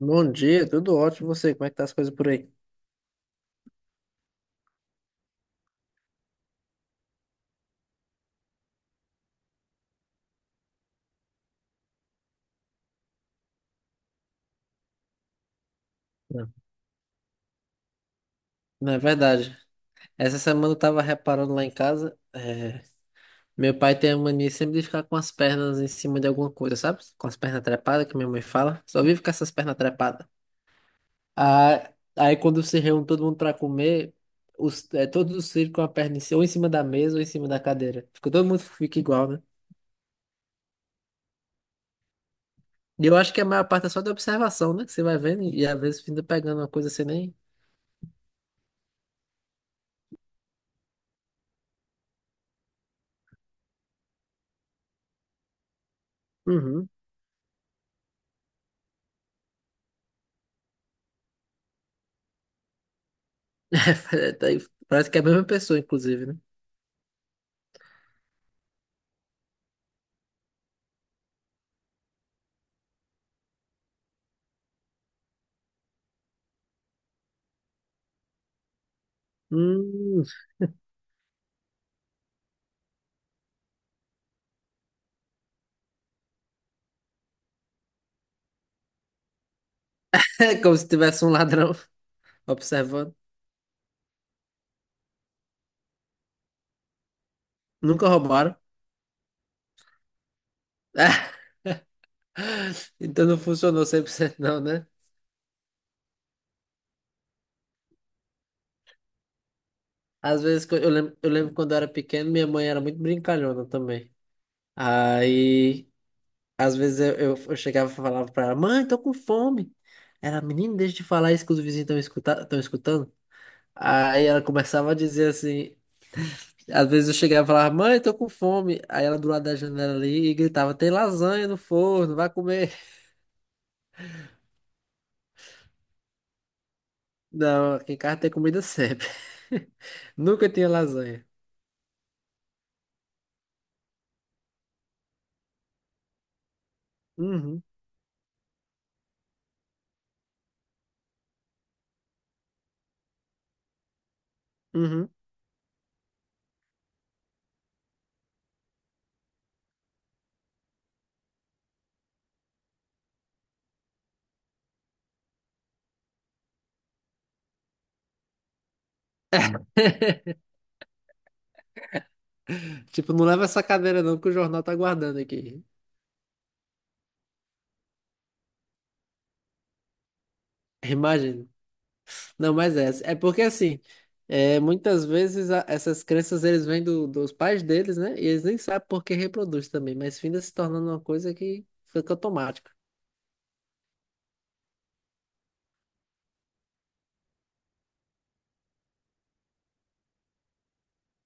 Bom dia, tudo ótimo. E você, como é que tá as coisas por aí? Não, não é verdade. Essa semana eu tava reparando lá em casa. Meu pai tem a mania sempre de ficar com as pernas em cima de alguma coisa, sabe? Com as pernas trepadas, que minha mãe fala. Só vive com essas pernas trepadas. Ah, aí quando se reúne todo mundo pra comer, todos os filhos com a perna em cima, ou em cima da mesa ou em cima da cadeira. Todo mundo fica igual, né? E eu acho que a maior parte é só da observação, né? Que você vai vendo e às vezes fica pegando uma coisa sem nem. Uhum. Daí, parece que é a mesma pessoa, inclusive, né? Hum. É como se tivesse um ladrão observando. Nunca roubaram. Então não funcionou 100% não, né? Às vezes, que eu lembro quando eu era pequeno, minha mãe era muito brincalhona também. Aí, às vezes eu chegava e falava pra ela, mãe, tô com fome. Era, menino, deixa de falar isso que os vizinhos estão escutando. Aí ela começava a dizer assim. Às vezes eu chegava e falava, mãe, tô com fome. Aí ela do lado da janela ali e gritava, tem lasanha no forno, vai comer. Não, aqui em casa tem comida sempre. Nunca tinha lasanha. Uhum, uhum. Tipo, não leva essa cadeira não que o jornal tá guardando aqui. Imagino. Não, mas é. É porque assim, é, muitas vezes essas crenças eles vêm dos pais deles, né? E eles nem sabem por que reproduz também, mas finda se tornando uma coisa que fica automática.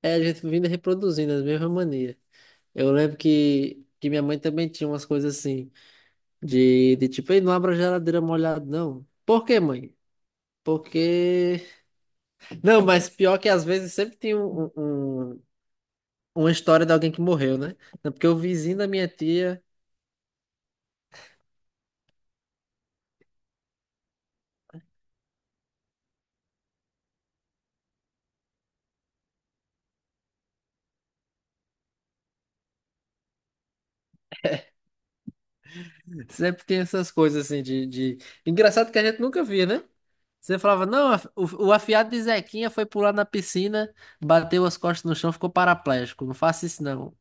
É a gente vindo reproduzindo as mesmas manias. Eu lembro que minha mãe também tinha umas coisas assim, de tipo, ei, não abra a geladeira molhada, não. Por quê, mãe? Porque. Não, mas pior que às vezes sempre tem uma história de alguém que morreu, né? Não, porque o vizinho da minha tia sempre tem essas coisas assim, de... Engraçado que a gente nunca via, né? Você falava, não, o afiado de Zequinha foi pular na piscina, bateu as costas no chão, ficou paraplégico. Não faça isso, não.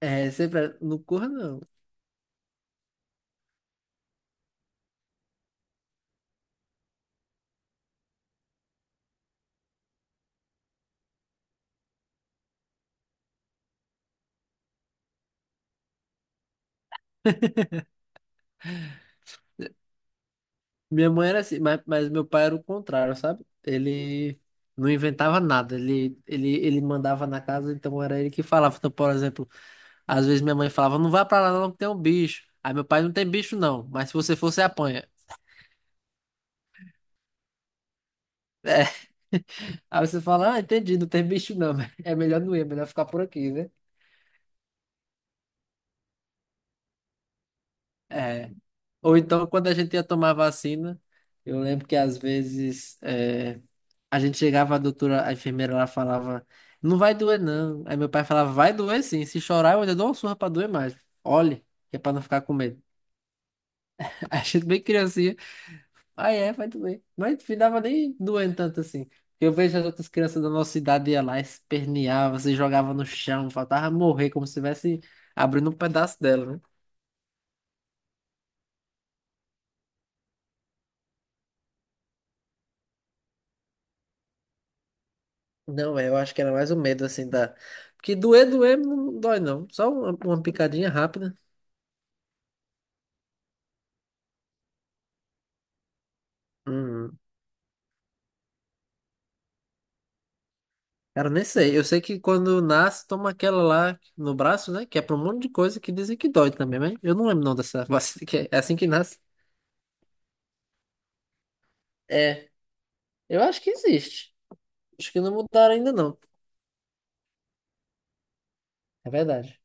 É, sempre, era, não corra, não. Minha mãe era assim, mas, meu pai era o contrário, sabe? Ele não inventava nada, ele mandava na casa, então era ele que falava. Então, por exemplo, às vezes minha mãe falava, não vá pra lá não que tem um bicho. Aí meu pai, não tem bicho não, mas se você for, você apanha. É. Aí você fala, ah, entendi, não tem bicho não, mas é melhor não ir, é melhor ficar por aqui, né? É, ou então, quando a gente ia tomar vacina, eu lembro que às vezes a gente chegava, a doutora, a enfermeira lá falava, não vai doer não. Aí meu pai falava, vai doer sim, se chorar eu ainda dou uma surra pra doer mais. Olhe, que é pra não ficar com medo. Aí a gente bem criancinha, ah é, vai doer. Mas não ficava nem doendo tanto assim. Eu vejo as outras crianças da nossa idade ia lá, esperneava, se jogava no chão, faltava morrer, como se estivesse abrindo um pedaço dela, né? Não, é, eu acho que era mais o medo, assim, da... Porque doer, doer não dói, não. Só uma picadinha rápida. Hum. Cara, nem sei. Eu sei que quando nasce, toma aquela lá no braço, né? Que é pra um monte de coisa que dizem que dói também, mas eu não lembro não dessa vacina, que é assim que nasce. É, eu acho que existe. Acho que não mudaram ainda, não. É verdade.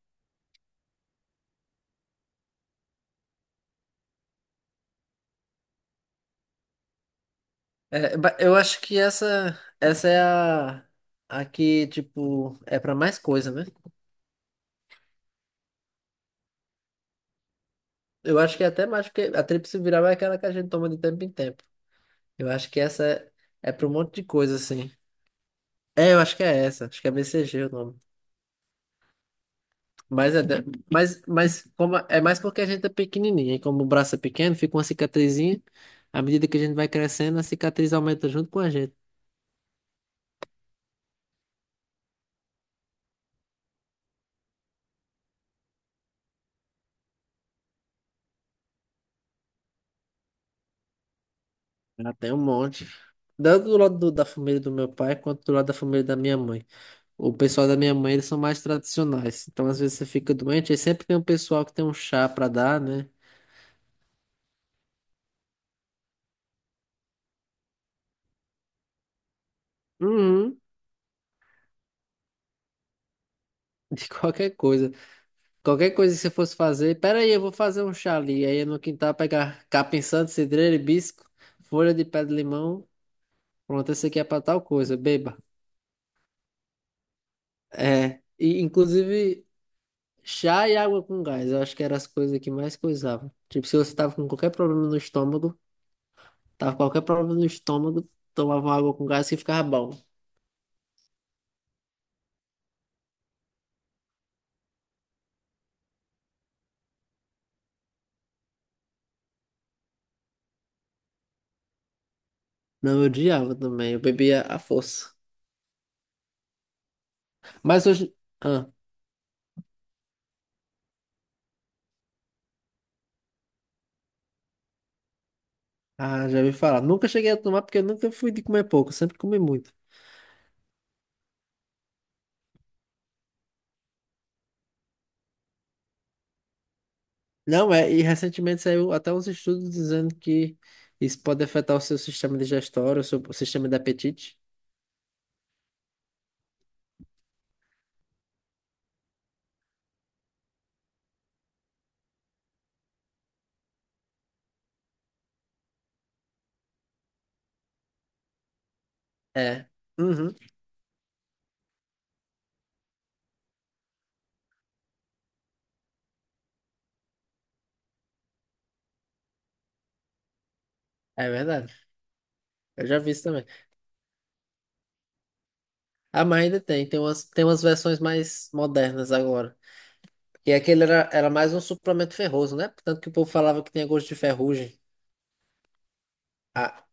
É, eu acho que essa é a que, tipo, é pra mais coisa, né? Eu acho que é até mais, porque a tríplice viral é aquela que a gente toma de tempo em tempo. Eu acho que essa é, para um monte de coisa, assim. É, eu acho que é essa. Acho que é BCG o nome. Mas, é, da- mas como, é mais porque a gente é pequenininho, e como o braço é pequeno, fica uma cicatrizinha. À medida que a gente vai crescendo, a cicatriz aumenta junto com a gente. Ela tem um monte. Tanto do lado da família do meu pai, quanto do lado da família da minha mãe. O pessoal da minha mãe, eles são mais tradicionais. Então, às vezes, você fica doente, aí sempre tem um pessoal que tem um chá pra dar, né? Uhum. De qualquer coisa. Qualquer coisa que você fosse fazer. Pera aí, eu vou fazer um chá ali. Aí ia no quintal pegar capim santo, cidreira, hibisco, folha de pé de limão. Pronto, esse aqui é pra tal coisa, beba. É. E, inclusive, chá e água com gás. Eu acho que eram as coisas que mais coisavam. Tipo, se você tava com qualquer problema no estômago, tava com qualquer problema no estômago, tomava uma água com gás que ficava bom. Não, eu odiava também. Eu bebia à força. Mas hoje. Ah, ah, já ouvi falar. Nunca cheguei a tomar porque eu nunca fui de comer pouco. Sempre comi muito. Não é, e recentemente saiu até uns estudos dizendo que isso pode afetar o seu sistema digestório, o sistema de apetite. É. Uhum. É verdade. Eu já vi isso também. Ah, mas ainda tem umas versões mais modernas agora. E aquele era mais um suplemento ferroso, né? Tanto que o povo falava que tinha gosto de ferrugem. Ah,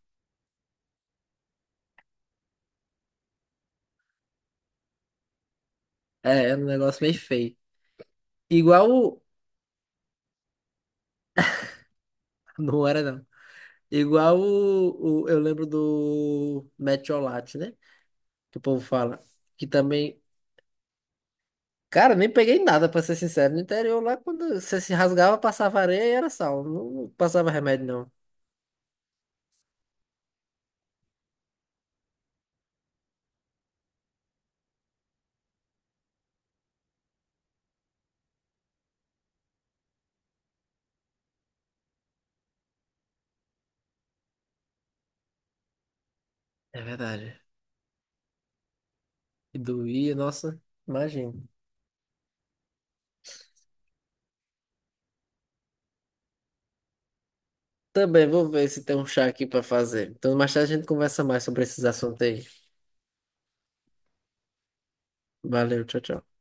é, era um negócio meio feio. Igual o... Não era, não. Eu lembro do Metiolate, né? Que o povo fala. Que também... Cara, nem peguei nada, pra ser sincero. No interior, lá, quando você se rasgava, passava areia e era sal. Não passava remédio, não. É verdade. E doía, nossa, imagina. Também vou ver se tem um chá aqui pra fazer. Então, mais tarde a gente conversa mais sobre esses assuntos aí. Valeu, tchau, tchau.